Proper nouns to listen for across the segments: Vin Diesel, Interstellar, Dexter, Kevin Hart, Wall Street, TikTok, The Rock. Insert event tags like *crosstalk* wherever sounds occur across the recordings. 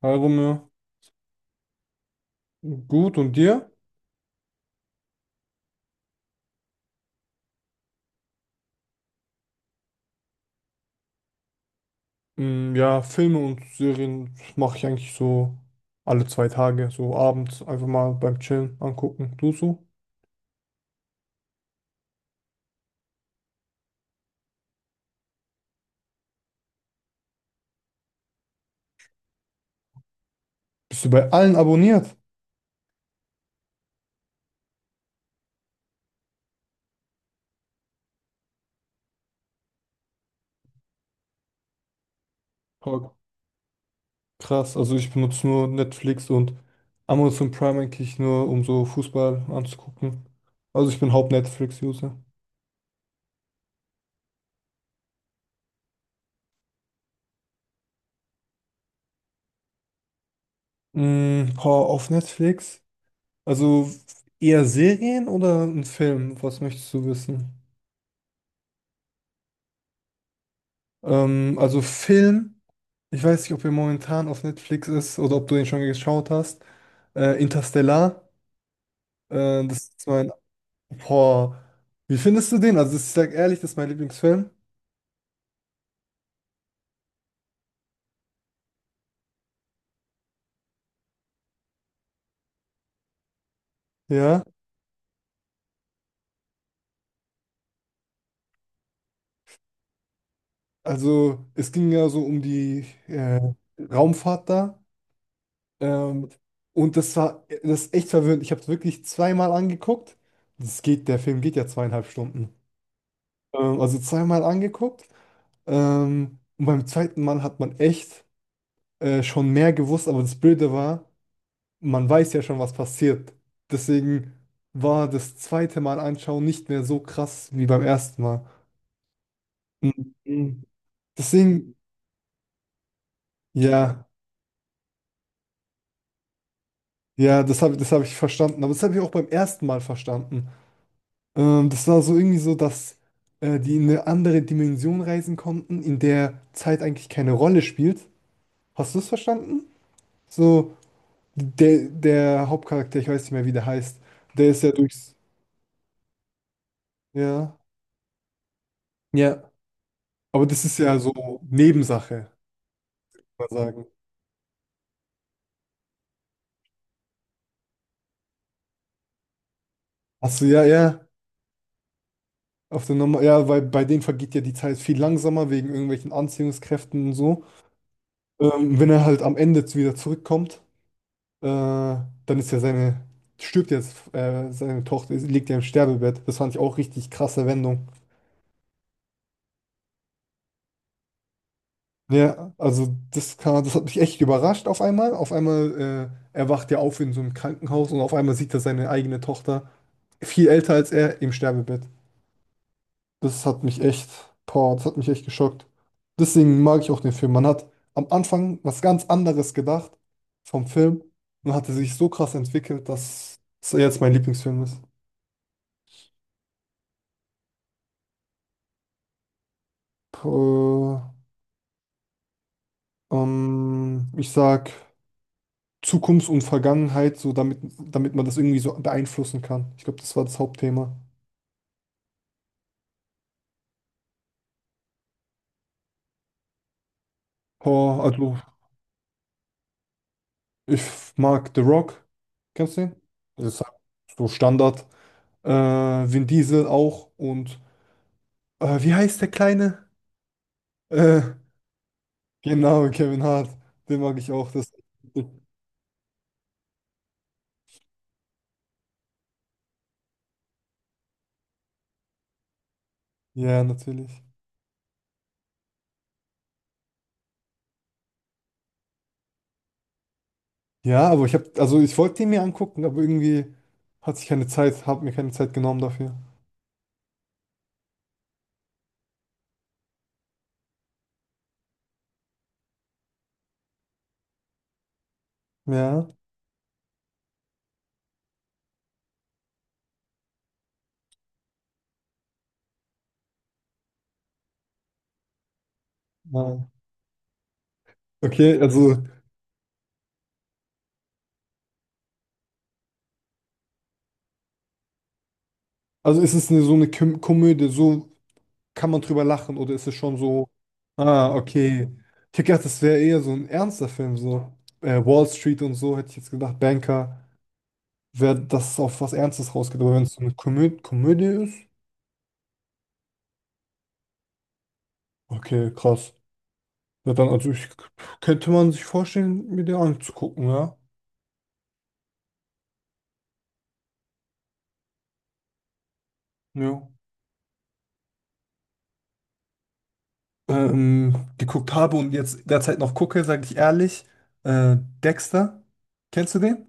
Hi Romeo, gut und dir? Mm, ja, Filme und Serien mache ich eigentlich so alle 2 Tage, so abends einfach mal beim Chillen angucken. Du so? Bist du bei allen abonniert? Oh, krass, also ich benutze nur Netflix und Amazon Prime eigentlich nur, um so Fußball anzugucken. Also ich bin Haupt-Netflix-User. Mm, boah, auf Netflix? Also eher Serien oder ein Film? Was möchtest du wissen? Also Film. Ich weiß nicht, ob er momentan auf Netflix ist oder ob du den schon geschaut hast. Interstellar. Das ist mein. Boah. Wie findest du den? Also, ich sag ehrlich, das ist mein Lieblingsfilm. Ja. Also, es ging ja so um die äh, Raumfahrt da. Ähm, und das ist echt verwirrend. Ich habe es wirklich zweimal angeguckt. Der Film geht ja 2,5 Stunden. Also zweimal angeguckt. Und beim zweiten Mal hat man echt schon mehr gewusst, aber das Blöde war, man weiß ja schon, was passiert. Deswegen war das zweite Mal anschauen nicht mehr so krass wie beim ersten Mal. Mhm. Deswegen, ja, ja, das hab ich verstanden. Aber das habe ich auch beim ersten Mal verstanden. Das war so irgendwie so, dass die in eine andere Dimension reisen konnten, in der Zeit eigentlich keine Rolle spielt. Hast du es verstanden? So, der Hauptcharakter, ich weiß nicht mehr, wie der heißt, der ist ja durchs. Ja. Ja. Aber das ist ja so Nebensache. Mal sagen. Achso, ja, ja. Auf der Norm ja, weil bei denen vergeht ja die Zeit viel langsamer wegen irgendwelchen Anziehungskräften und so. Wenn er halt am Ende wieder zurückkommt, dann ist ja seine, stirbt jetzt, seine Tochter liegt ja im Sterbebett. Das fand ich auch richtig krasse Wendung. Ja, also das hat mich echt überrascht auf einmal. Auf einmal, erwacht er ja auf in so einem Krankenhaus und auf einmal sieht er seine eigene Tochter, viel älter als er, im Sterbebett. Das hat mich echt, Boah, das hat mich echt geschockt. Deswegen mag ich auch den Film. Man hat am Anfang was ganz anderes gedacht vom Film und hatte sich so krass entwickelt, dass es jetzt mein Lieblingsfilm ist. Puh, ich sag Zukunft und Vergangenheit, so damit man das irgendwie so beeinflussen kann. Ich glaube, das war das Hauptthema. Boah, also ich mag The Rock. Kennst du den? Das ist halt so Standard. Äh, Vin Diesel auch und wie heißt der Kleine? Äh, genau, Kevin Hart. Den mag ich auch. Das Ja, natürlich. Ja, aber also ich wollte den mir angucken, aber irgendwie hatte ich keine Zeit, habe mir keine Zeit genommen dafür. Ja, nein. Okay, also, ist es so eine Komödie, so kann man drüber lachen oder ist es schon so, ah, okay. Ich hätte gedacht, das wäre eher so ein ernster Film, so Wall Street und so, hätte ich jetzt gedacht, Banker, wäre das auf was Ernstes rausgeht, aber wenn es so eine Komödie ist, okay, krass. Ja, dann, also ich könnte man sich vorstellen, mir den anzugucken, ja. Ja. Geguckt habe und jetzt derzeit noch gucke, sage ich ehrlich. Äh, Dexter, kennst du den?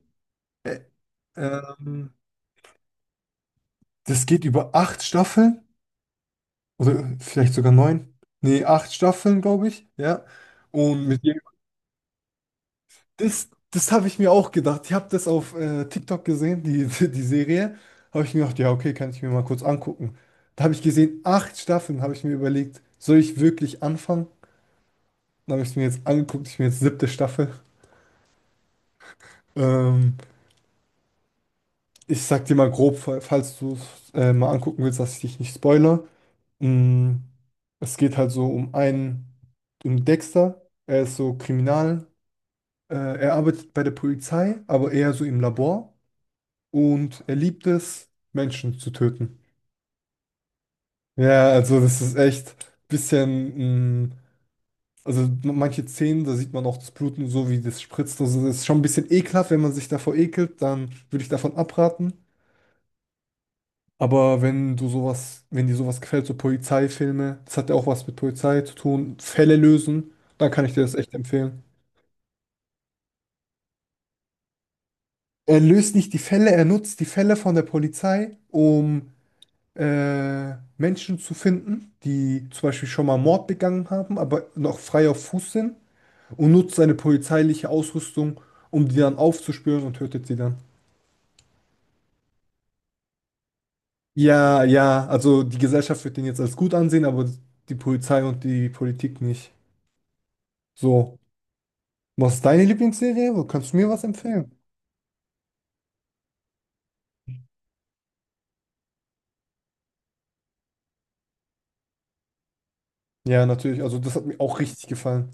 Ä- ähm, Das geht über acht Staffeln oder vielleicht sogar neun. Nee, acht Staffeln, glaube ich. Ja. Und mit Das habe ich mir auch gedacht. Ich habe das auf TikTok gesehen, *laughs* die Serie. Habe ich mir gedacht, ja, okay, kann ich mir mal kurz angucken. Da habe ich gesehen, acht Staffeln, habe ich mir überlegt, soll ich wirklich anfangen? Dann habe ich es mir jetzt angeguckt, ich bin jetzt siebte Staffel. Ähm, Ich sag dir mal grob, falls du es mal angucken willst, dass ich dich nicht spoilere. Mm, es geht halt so um Dexter. Er ist so Kriminal. Äh, Er arbeitet bei der Polizei, aber eher so im Labor. Und er liebt es, Menschen zu töten. Ja, also das ist echt ein bisschen, also manche Szenen, da sieht man auch das Bluten so, wie das spritzt. Also das ist schon ein bisschen ekelhaft, wenn man sich davor ekelt, dann würde ich davon abraten. Aber wenn dir sowas gefällt, so Polizeifilme, das hat ja auch was mit Polizei zu tun, Fälle lösen, dann kann ich dir das echt empfehlen. Er löst nicht die Fälle, er nutzt die Fälle von der Polizei, um Menschen zu finden, die zum Beispiel schon mal Mord begangen haben, aber noch frei auf Fuß sind und nutzt seine polizeiliche Ausrüstung, um die dann aufzuspüren und tötet sie dann. Ja, ja, also die Gesellschaft wird den jetzt als gut ansehen, aber die Polizei und die Politik nicht. So, was ist deine Lieblingsserie? Wo kannst du mir was empfehlen? Ja, natürlich, also das hat mir auch richtig gefallen.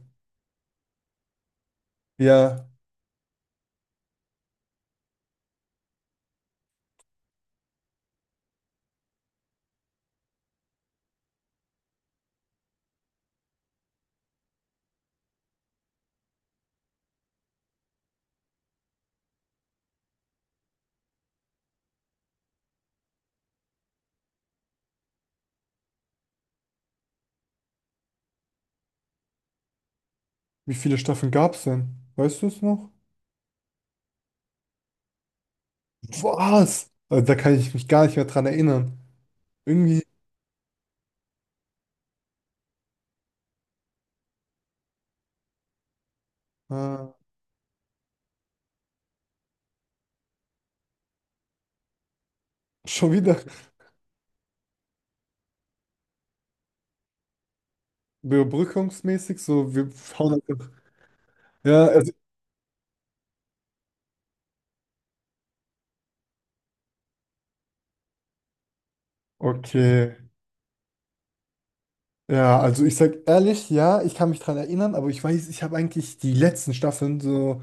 Ja, wie viele Staffeln gab es denn? Weißt du es noch? Was? Also, da kann ich mich gar nicht mehr dran erinnern. Irgendwie. äh, Schon wieder überbrückungsmäßig, so wir hauen einfach. Ja, also, okay. Ja, also ich sag ehrlich, ja, ich kann mich dran erinnern, aber ich weiß, ich habe eigentlich die letzten Staffeln, so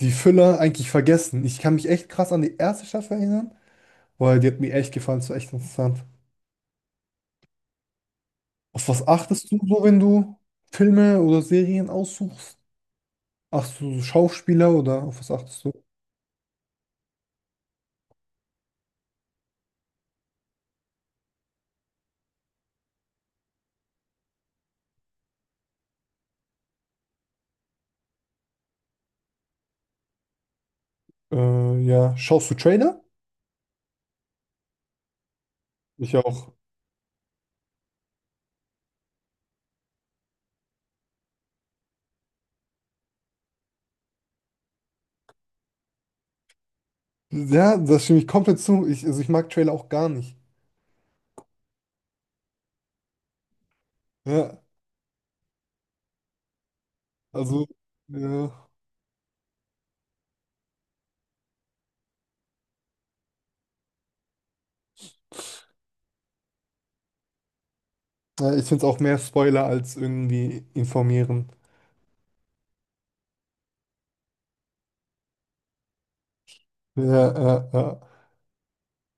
die Füller, eigentlich vergessen. Ich kann mich echt krass an die erste Staffel erinnern, weil die hat mir echt gefallen, so echt interessant. Auf was achtest du so, wenn du Filme oder Serien aussuchst? Achtest du so Schauspieler oder auf was achtest du? Ja, schaust du Trailer? Ich auch. Ja, das stimme ich komplett zu. Also ich mag Trailer auch gar nicht. Ja, also, ja. Ja, ich finde es auch mehr Spoiler als irgendwie informieren. Ja, ja, ja.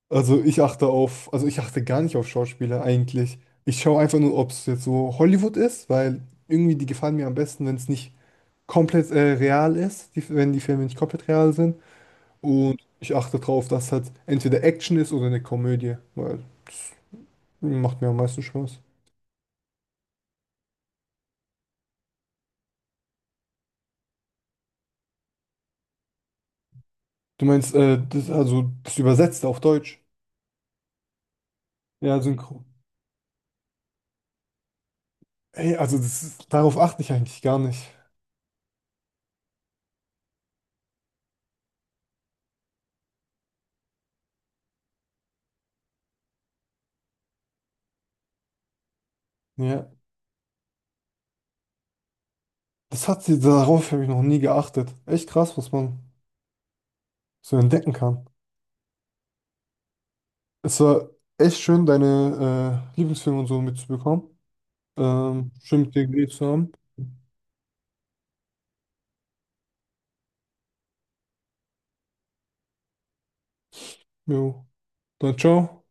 Also ich achte gar nicht auf Schauspieler eigentlich. Ich schaue einfach nur, ob es jetzt so Hollywood ist, weil irgendwie die gefallen mir am besten, wenn es nicht komplett real ist, wenn die Filme nicht komplett real sind. Und ich achte drauf, dass halt entweder Action ist oder eine Komödie, weil das macht mir am meisten Spaß. Du meinst, also das Übersetzte auf Deutsch? Ja, synchron. Hey, also darauf achte ich eigentlich gar nicht. Ja. Darauf habe ich noch nie geachtet. Echt krass, was man so entdecken kann. Es war echt schön, deine Lieblingsfilme und so mitzubekommen. Schön mit dir geredet zu haben. Jo. Dann ciao.